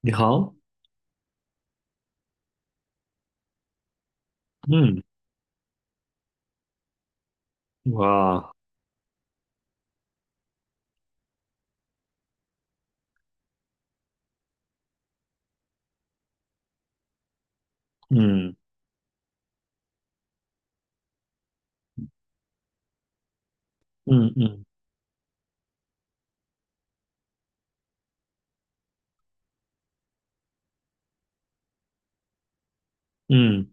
你好，嗯，哇，嗯嗯嗯嗯，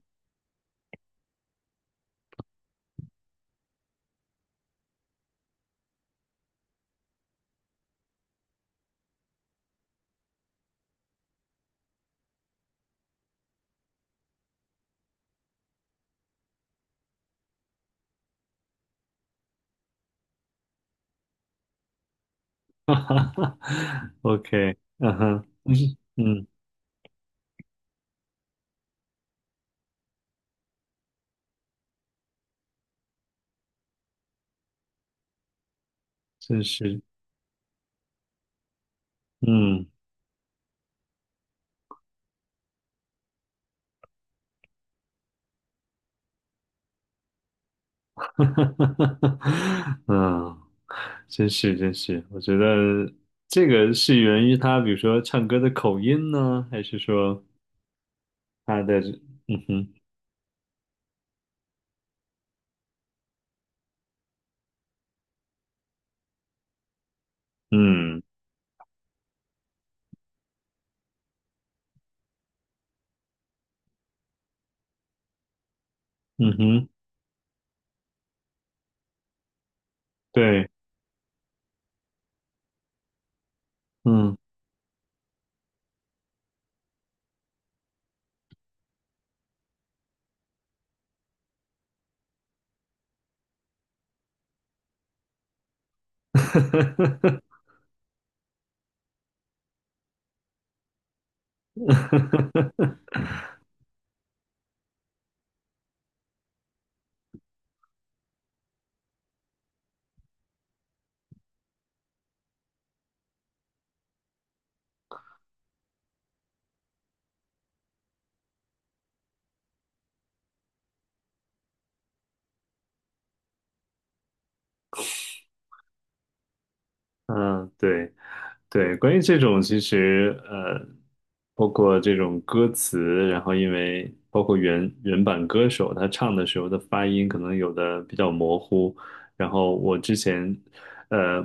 哈哈哈 ，OK，嗯哼，嗯嗯，真是，嗯，哈哈哈哈，嗯，真是真是，我觉得这个是源于他，比如说唱歌的口音呢，还是说他的，嗯哼，嗯嗯哼，对，嗯，哈哈哈哈哈嗯 对。对，关于这种，其实包括这种歌词，然后因为包括原版歌手他唱的时候的发音，可能有的比较模糊。然后我之前呃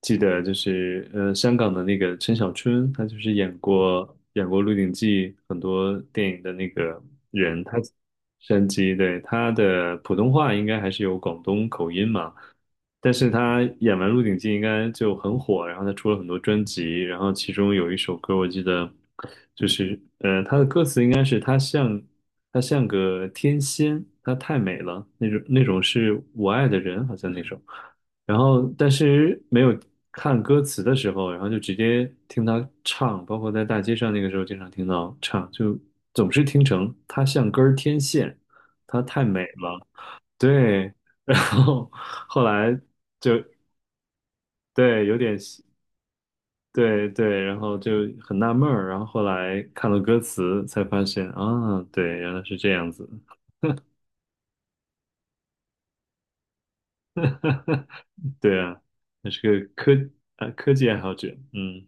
记得就是香港的那个陈小春，他就是演过《鹿鼎记》很多电影的那个人，他山鸡，对，他的普通话应该还是有广东口音嘛。但是他演完《鹿鼎记》应该就很火，然后他出了很多专辑，然后其中有一首歌我记得就是他的歌词应该是他像个天仙，她太美了那种是我爱的人，好像那首。然后但是没有看歌词的时候，然后就直接听他唱，包括在大街上那个时候经常听到唱，就总是听成他像根儿天线，她太美了，对，然后后来就对有点对对，然后就很纳闷儿，然后后来看了歌词才发现啊，对，原来是这样子，对啊，那是个科技爱好者，嗯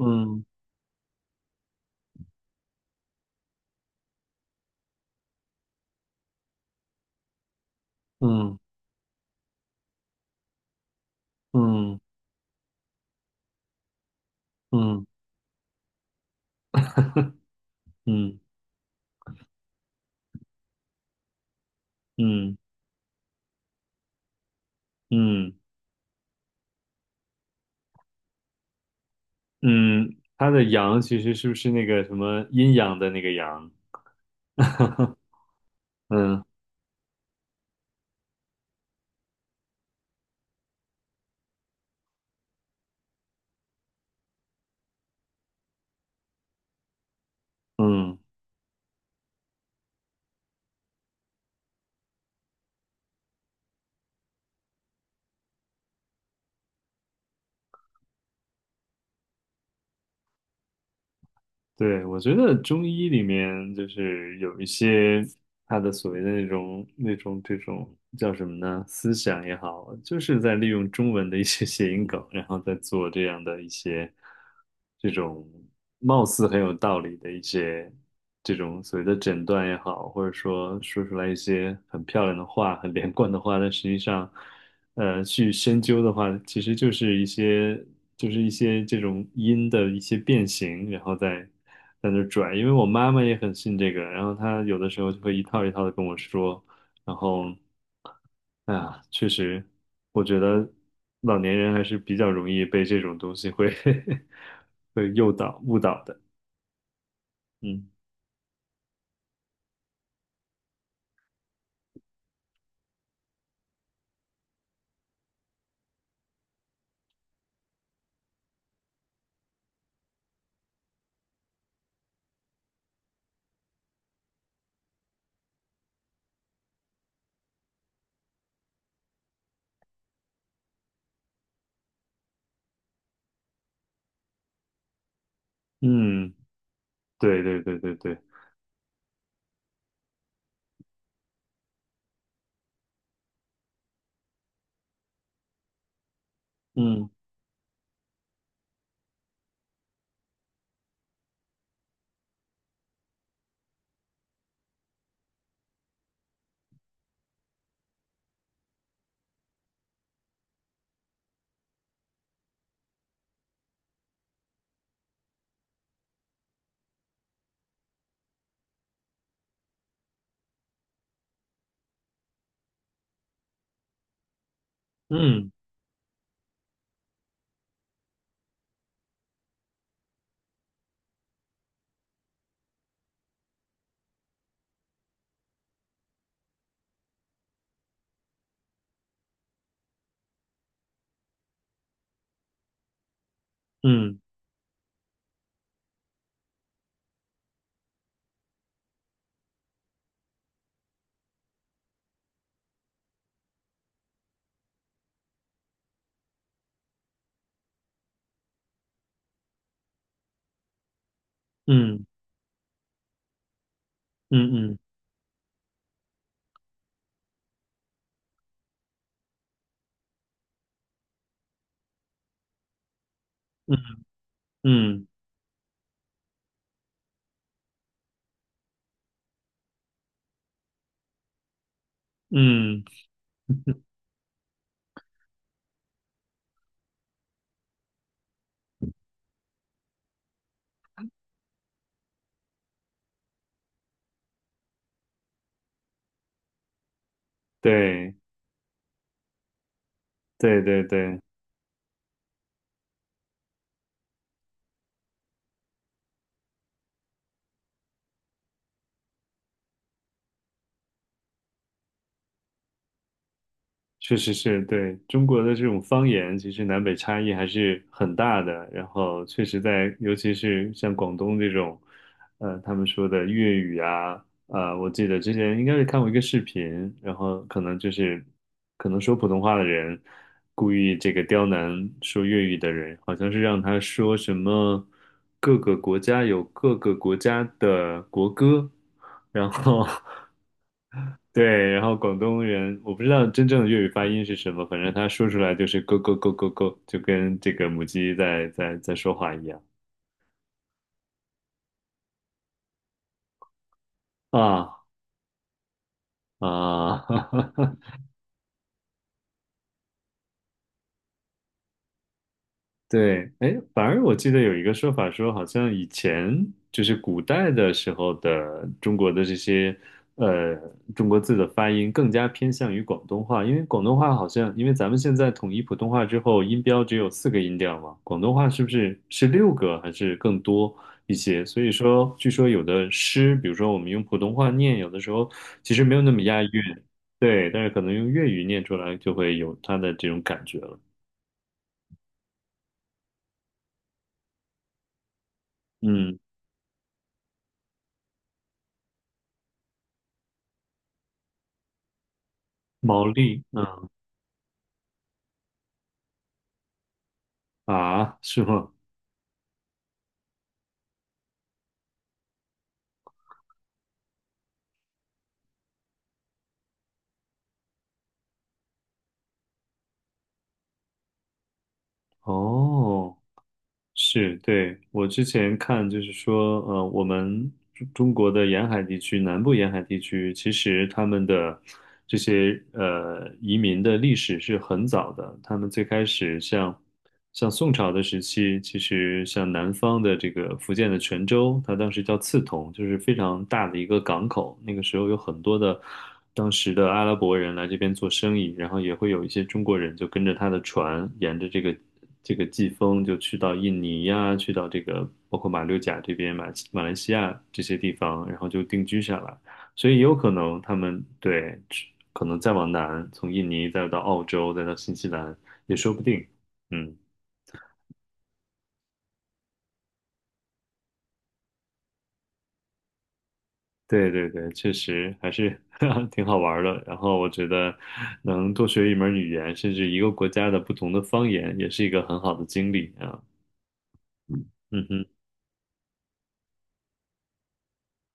嗯嗯嗯嗯 嗯嗯嗯嗯，他的阳其实是不是那个什么阴阳的那个阳？嗯嗯对，我觉得中医里面就是有一些他的所谓的那种这种叫什么呢？思想也好，就是在利用中文的一些 谐音梗，然后再做这样的一些这种貌似很有道理的一些这种所谓的诊断也好，或者说说出来一些很漂亮的话、很连贯的话，但实际上，去深究的话，其实就是一些这种音的一些变形，然后再在那儿拽，因为我妈妈也很信这个，然后她有的时候就会一套一套的跟我说，然后，哎呀，确实，我觉得老年人还是比较容易被这种东西会 会诱导、误导的，嗯嗯，对对对对对，嗯嗯嗯嗯嗯嗯嗯嗯嗯，嗯对对对对。确实是对中国的这种方言，其实南北差异还是很大的。然后确实在，尤其是像广东这种，他们说的粤语啊，我记得之前应该是看过一个视频，然后可能就是可能说普通话的人故意这个刁难说粤语的人，好像是让他说什么各个国家有各个国家的国歌。然后 对，然后广东人，我不知道真正的粤语发音是什么，反正他说出来就是咯咯咯咯咯，就跟这个母鸡在说话一样啊啊！对，哎，反而我记得有一个说法说，好像以前就是古代的时候的中国的这些呃中国字的发音更加偏向于广东话，因为广东话好像因为咱们现在统一普通话之后，音标只有四个音调嘛，广东话是不是是六个还是更多一些？所以说，据说有的诗，比如说我们用普通话念，有的时候其实没有那么押韵，对，但是可能用粤语念出来就会有它的这种感觉了。嗯，毛利，嗯啊，是吗？哦，是，对，我之前看就是说，我们中国的沿海地区，南部沿海地区，其实他们的这些移民的历史是很早的。他们最开始像宋朝的时期，其实像南方的这个福建的泉州，它当时叫刺桐，就是非常大的一个港口。那个时候有很多的当时的阿拉伯人来这边做生意，然后也会有一些中国人就跟着他的船，沿着这个季风就去到印尼呀，去到这个包括马六甲这边、马来西亚这些地方，然后就定居下来。所以也有可能他们对，可能再往南，从印尼再到澳洲，再到新西兰也说不定。嗯，对对对，确实还是 挺好玩儿的。然后我觉得能多学一门语言，甚至一个国家的不同的方言，也是一个很好的经历啊。嗯嗯哼，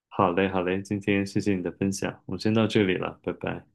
好嘞好嘞，今天谢谢你的分享，我们先到这里了，拜拜。